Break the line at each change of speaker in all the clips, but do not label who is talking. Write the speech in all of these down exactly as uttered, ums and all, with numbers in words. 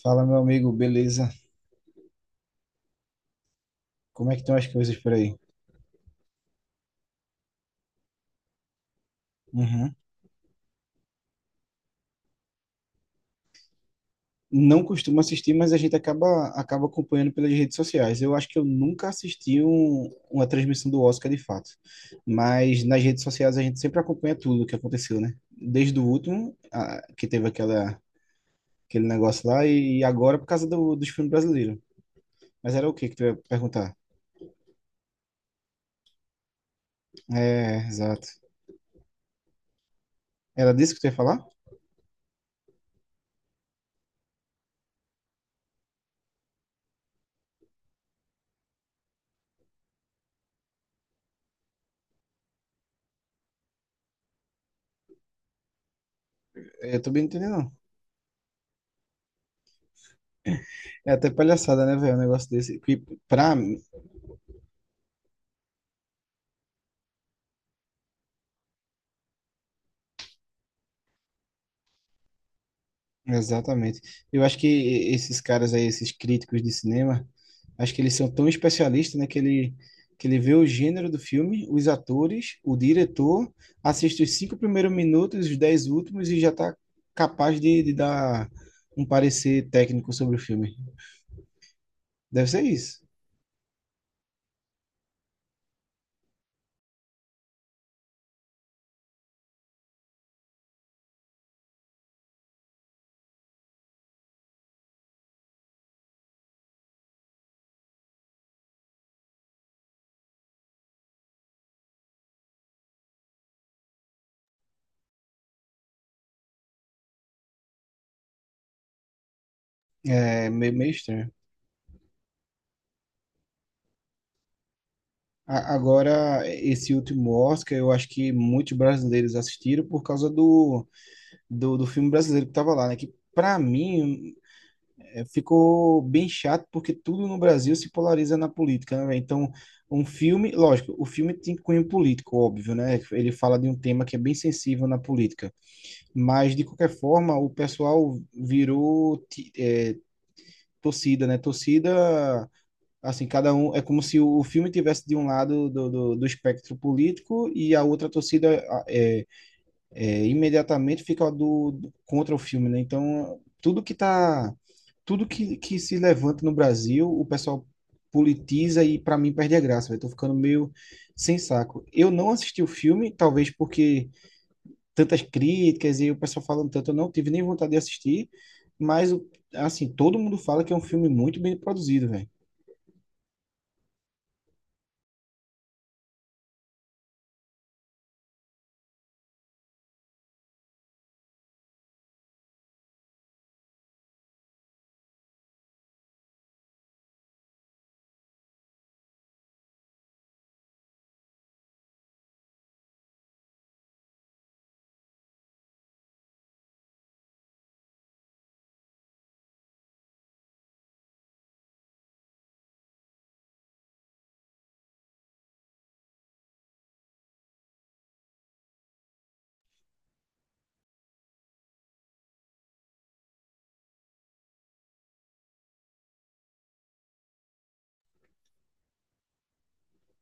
Fala, meu amigo, beleza? Como é que estão as coisas por aí? Uhum. Não costumo assistir, mas a gente acaba, acaba acompanhando pelas redes sociais. Eu acho que eu nunca assisti um- uma transmissão do Oscar de fato. Mas nas redes sociais a gente sempre acompanha tudo o que aconteceu, né? Desde o último, a- que teve aquela, aquele negócio lá, e agora por causa do, dos filmes brasileiros. Mas era o que que tu ia perguntar? É, exato. Era disso que tu ia falar? Eu também não entendendo, não. É até palhaçada, né, velho? Um negócio desse. Que pra mim, exatamente. Eu acho que esses caras aí, esses críticos de cinema, acho que eles são tão especialistas, né, que ele, que ele vê o gênero do filme, os atores, o diretor, assiste os cinco primeiros minutos, os dez últimos e já tá capaz de, de dar um parecer técnico sobre o filme. Deve ser isso. É meio, meio estranho. A- Agora, esse último Oscar, eu acho que muitos brasileiros assistiram por causa do, do, do filme brasileiro que estava lá, né? Que, para mim, é, ficou bem chato, porque tudo no Brasil se polariza na política, né? Véi? Então, um filme, lógico, o filme tem cunho político, óbvio, né? Ele fala de um tema que é bem sensível na política. Mas, de qualquer forma, o pessoal virou, ti- é, torcida, né? Torcida. Assim, cada um é como se o filme tivesse de um lado do, do, do espectro político, e a outra torcida a- é, é, imediatamente fica do, do- contra o filme, né? Então, tudo que tá, tudo que, que se levanta no Brasil, o pessoal politiza e para mim perde a graça, velho. Tô ficando meio sem saco. Eu não assisti o filme, talvez porque tantas críticas e o pessoal falando tanto, eu não tive nem vontade de assistir, mas, assim, todo mundo fala que é um filme muito bem produzido, velho.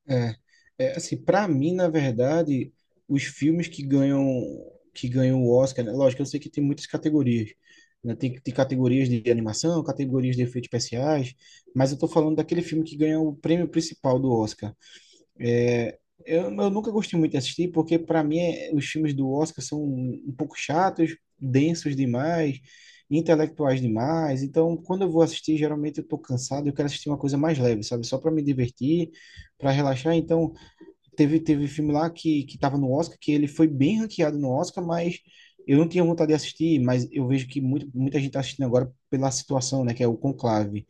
É, é assim, para mim, na verdade, os filmes que ganham que ganham o Oscar, né? Lógico, eu sei que tem muitas categorias, né? Tem, tem categorias de animação, categorias de efeitos especiais, mas eu tô falando daquele filme que ganha o prêmio principal do Oscar. Eu, eu nunca gostei muito de assistir, porque para mim é- os filmes do Oscar são um um pouco chatos, densos demais, intelectuais demais. Então, quando eu vou assistir, geralmente eu tô cansado, eu quero assistir uma coisa mais leve, sabe? Só para me divertir, para relaxar. Então, Teve, teve filme lá que, que tava no Oscar, que ele foi bem ranqueado no Oscar, mas eu não tinha vontade de assistir, mas eu vejo que muito, muita gente tá assistindo agora pela situação, né, que é o Conclave.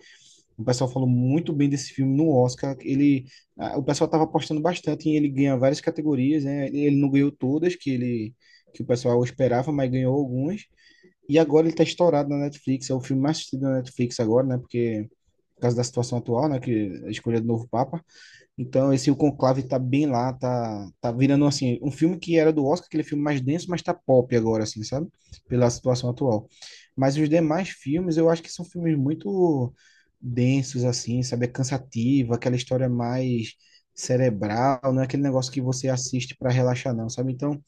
O pessoal falou muito bem desse filme no Oscar, ele, a- o pessoal tava apostando bastante em ele ganhar várias categorias, né, ele não ganhou todas que ele, que o pessoal esperava, mas ganhou algumas, e agora ele tá estourado na Netflix, é o filme mais assistido na Netflix agora, né, porque, por causa da situação atual, né, que a escolha do novo Papa. Então, esse O Conclave tá bem lá, tá, tá virando, assim, um filme que era do Oscar, aquele filme mais denso, mas tá pop agora, assim, sabe? Pela situação atual. Mas os demais filmes, eu acho que são filmes muito densos, assim, sabe? É cansativo, aquela história mais cerebral, não é aquele negócio que você assiste para relaxar, não, sabe? Então,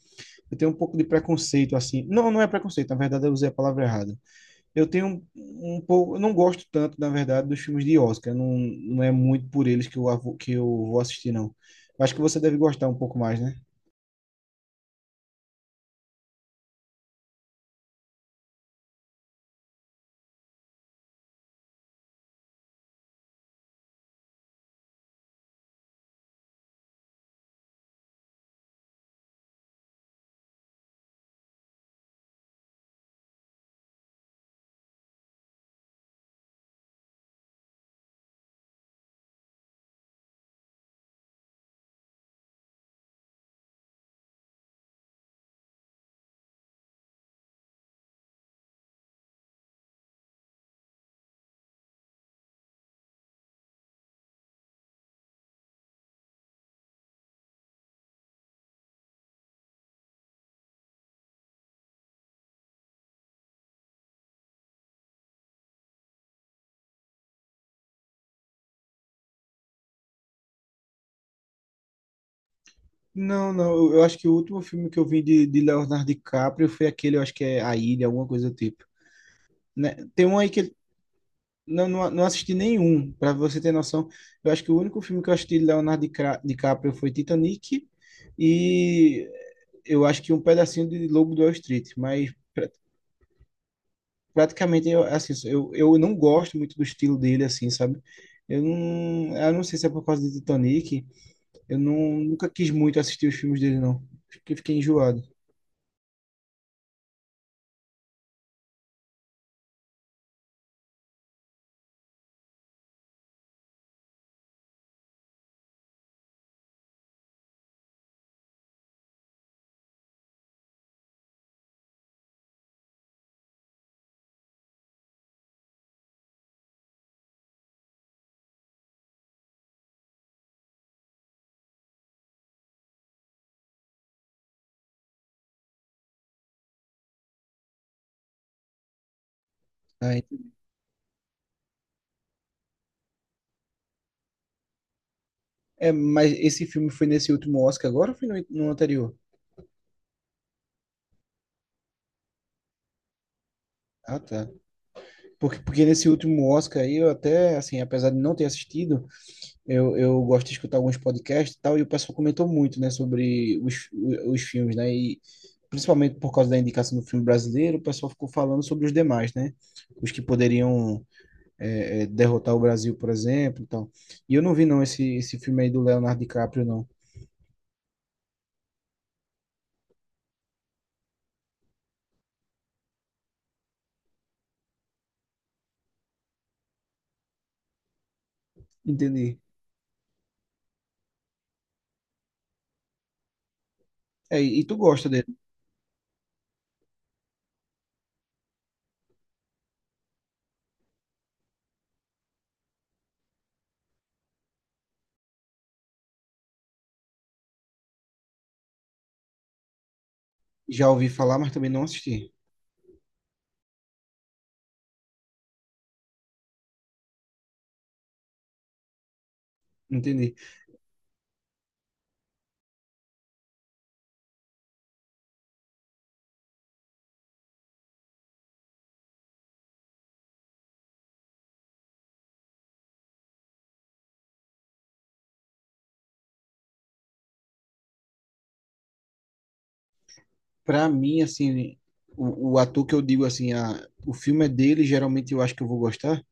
eu tenho um pouco de preconceito, assim. Não, não é preconceito, na verdade eu usei a palavra errada. Eu tenho um, um pouco, eu não gosto tanto, na verdade, dos filmes de Oscar. Não, não é muito por eles que eu, avo- que eu vou assistir, não. Acho que você deve gostar um pouco mais, né? Não, não, eu, eu acho que o último filme que eu vi de, de Leonardo DiCaprio foi aquele, eu acho que é A Ilha, alguma coisa do tipo. Né? Tem um aí que ele- Não, não, não assisti nenhum, para você ter noção. Eu acho que o único filme que eu assisti de Leonardo Dicra- DiCaprio foi Titanic, e eu acho que um pedacinho de Lobo de Wall Street. Mas praticamente eu, assim, eu, eu não gosto muito do estilo dele, assim, sabe? Eu não eu não sei se é por causa de Titanic. Eu não nunca quis muito assistir os filmes dele, não. Acho que fiquei enjoado. Aí, é mas esse filme foi nesse último Oscar agora ou foi no, no anterior? Ah, tá. Porque porque nesse último Oscar, aí, eu até assim, apesar de não ter assistido, eu, eu gosto de escutar alguns podcasts e tal, e o pessoal comentou muito, né, sobre os, os filmes, né, e principalmente por causa da indicação do filme brasileiro, o pessoal ficou falando sobre os demais, né? Os que poderiam é, é, derrotar o Brasil, por exemplo, e tal. E eu não vi, não, esse, esse filme aí do Leonardo DiCaprio, não. Entendi. É, e tu gosta dele? Já ouvi falar, mas também não assisti. Entendi. Pra mim, assim, o, o ator que eu digo, assim, ah, o filme é dele, geralmente eu acho que eu vou gostar,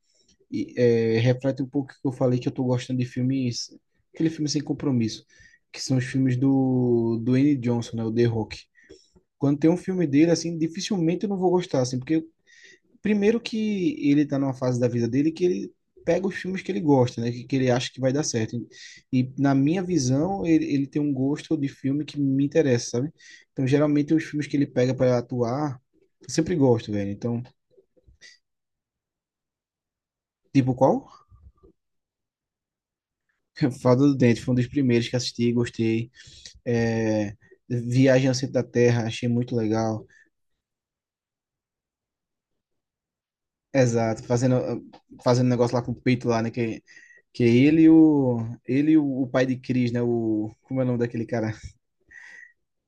e, é, reflete um pouco o que eu falei que eu tô gostando de filmes, aquele filme sem compromisso, que são os filmes do do Dwayne Johnson, né, o The Rock. Quando tem um filme dele, assim, dificilmente eu não vou gostar, assim, porque primeiro que ele tá numa fase da vida dele que ele pega os filmes que ele gosta, né, que, que ele acha que vai dar certo. E, na minha visão, ele, ele tem um gosto de filme que me interessa, sabe? Então, geralmente os filmes que ele pega para atuar, eu sempre gosto, velho. Então, tipo qual? Fada do Dente foi um dos primeiros que assisti, gostei. É, Viagem ao Centro da Terra, achei muito legal. Exato, fazendo fazendo negócio lá com o peito lá, né? Que, que é ele e o ele e o, o pai de Chris, né? O como é o nome daquele cara?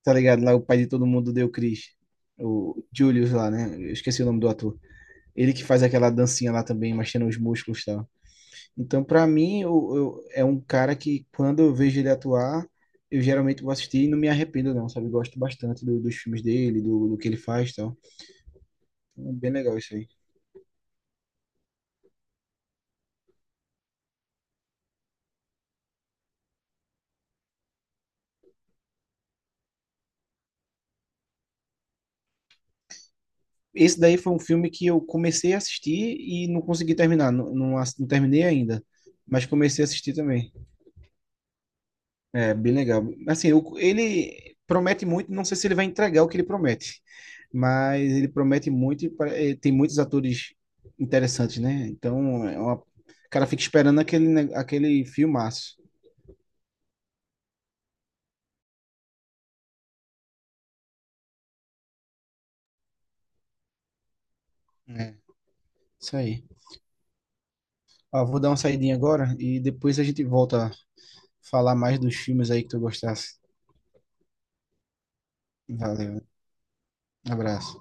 Tá ligado? Lá o pai de todo mundo deu Chris, o Julius lá, né? Eu esqueci o nome do ator. Ele que faz aquela dancinha lá também, mexendo os músculos e tal. Então, pra mim, eu, eu- é um cara que quando eu vejo ele atuar, eu geralmente vou assistir e não me arrependo, não, sabe? Gosto bastante do- dos filmes dele, do, do que ele faz, e tal. Então, é bem legal isso aí. Esse daí foi um filme que eu comecei a assistir e não consegui terminar. Não, não, ass- não terminei ainda, mas comecei a assistir também. É, bem legal. Assim, o- ele promete muito, não sei se ele vai entregar o que ele promete, mas ele promete muito e pare- eh, tem muitos atores interessantes, né? Então, é uma- o cara fica esperando aquele, ne- aquele filmaço. É, isso aí. Ó, vou dar uma saidinha agora e depois a gente volta a falar mais dos filmes aí que tu gostasse. Valeu, um abraço.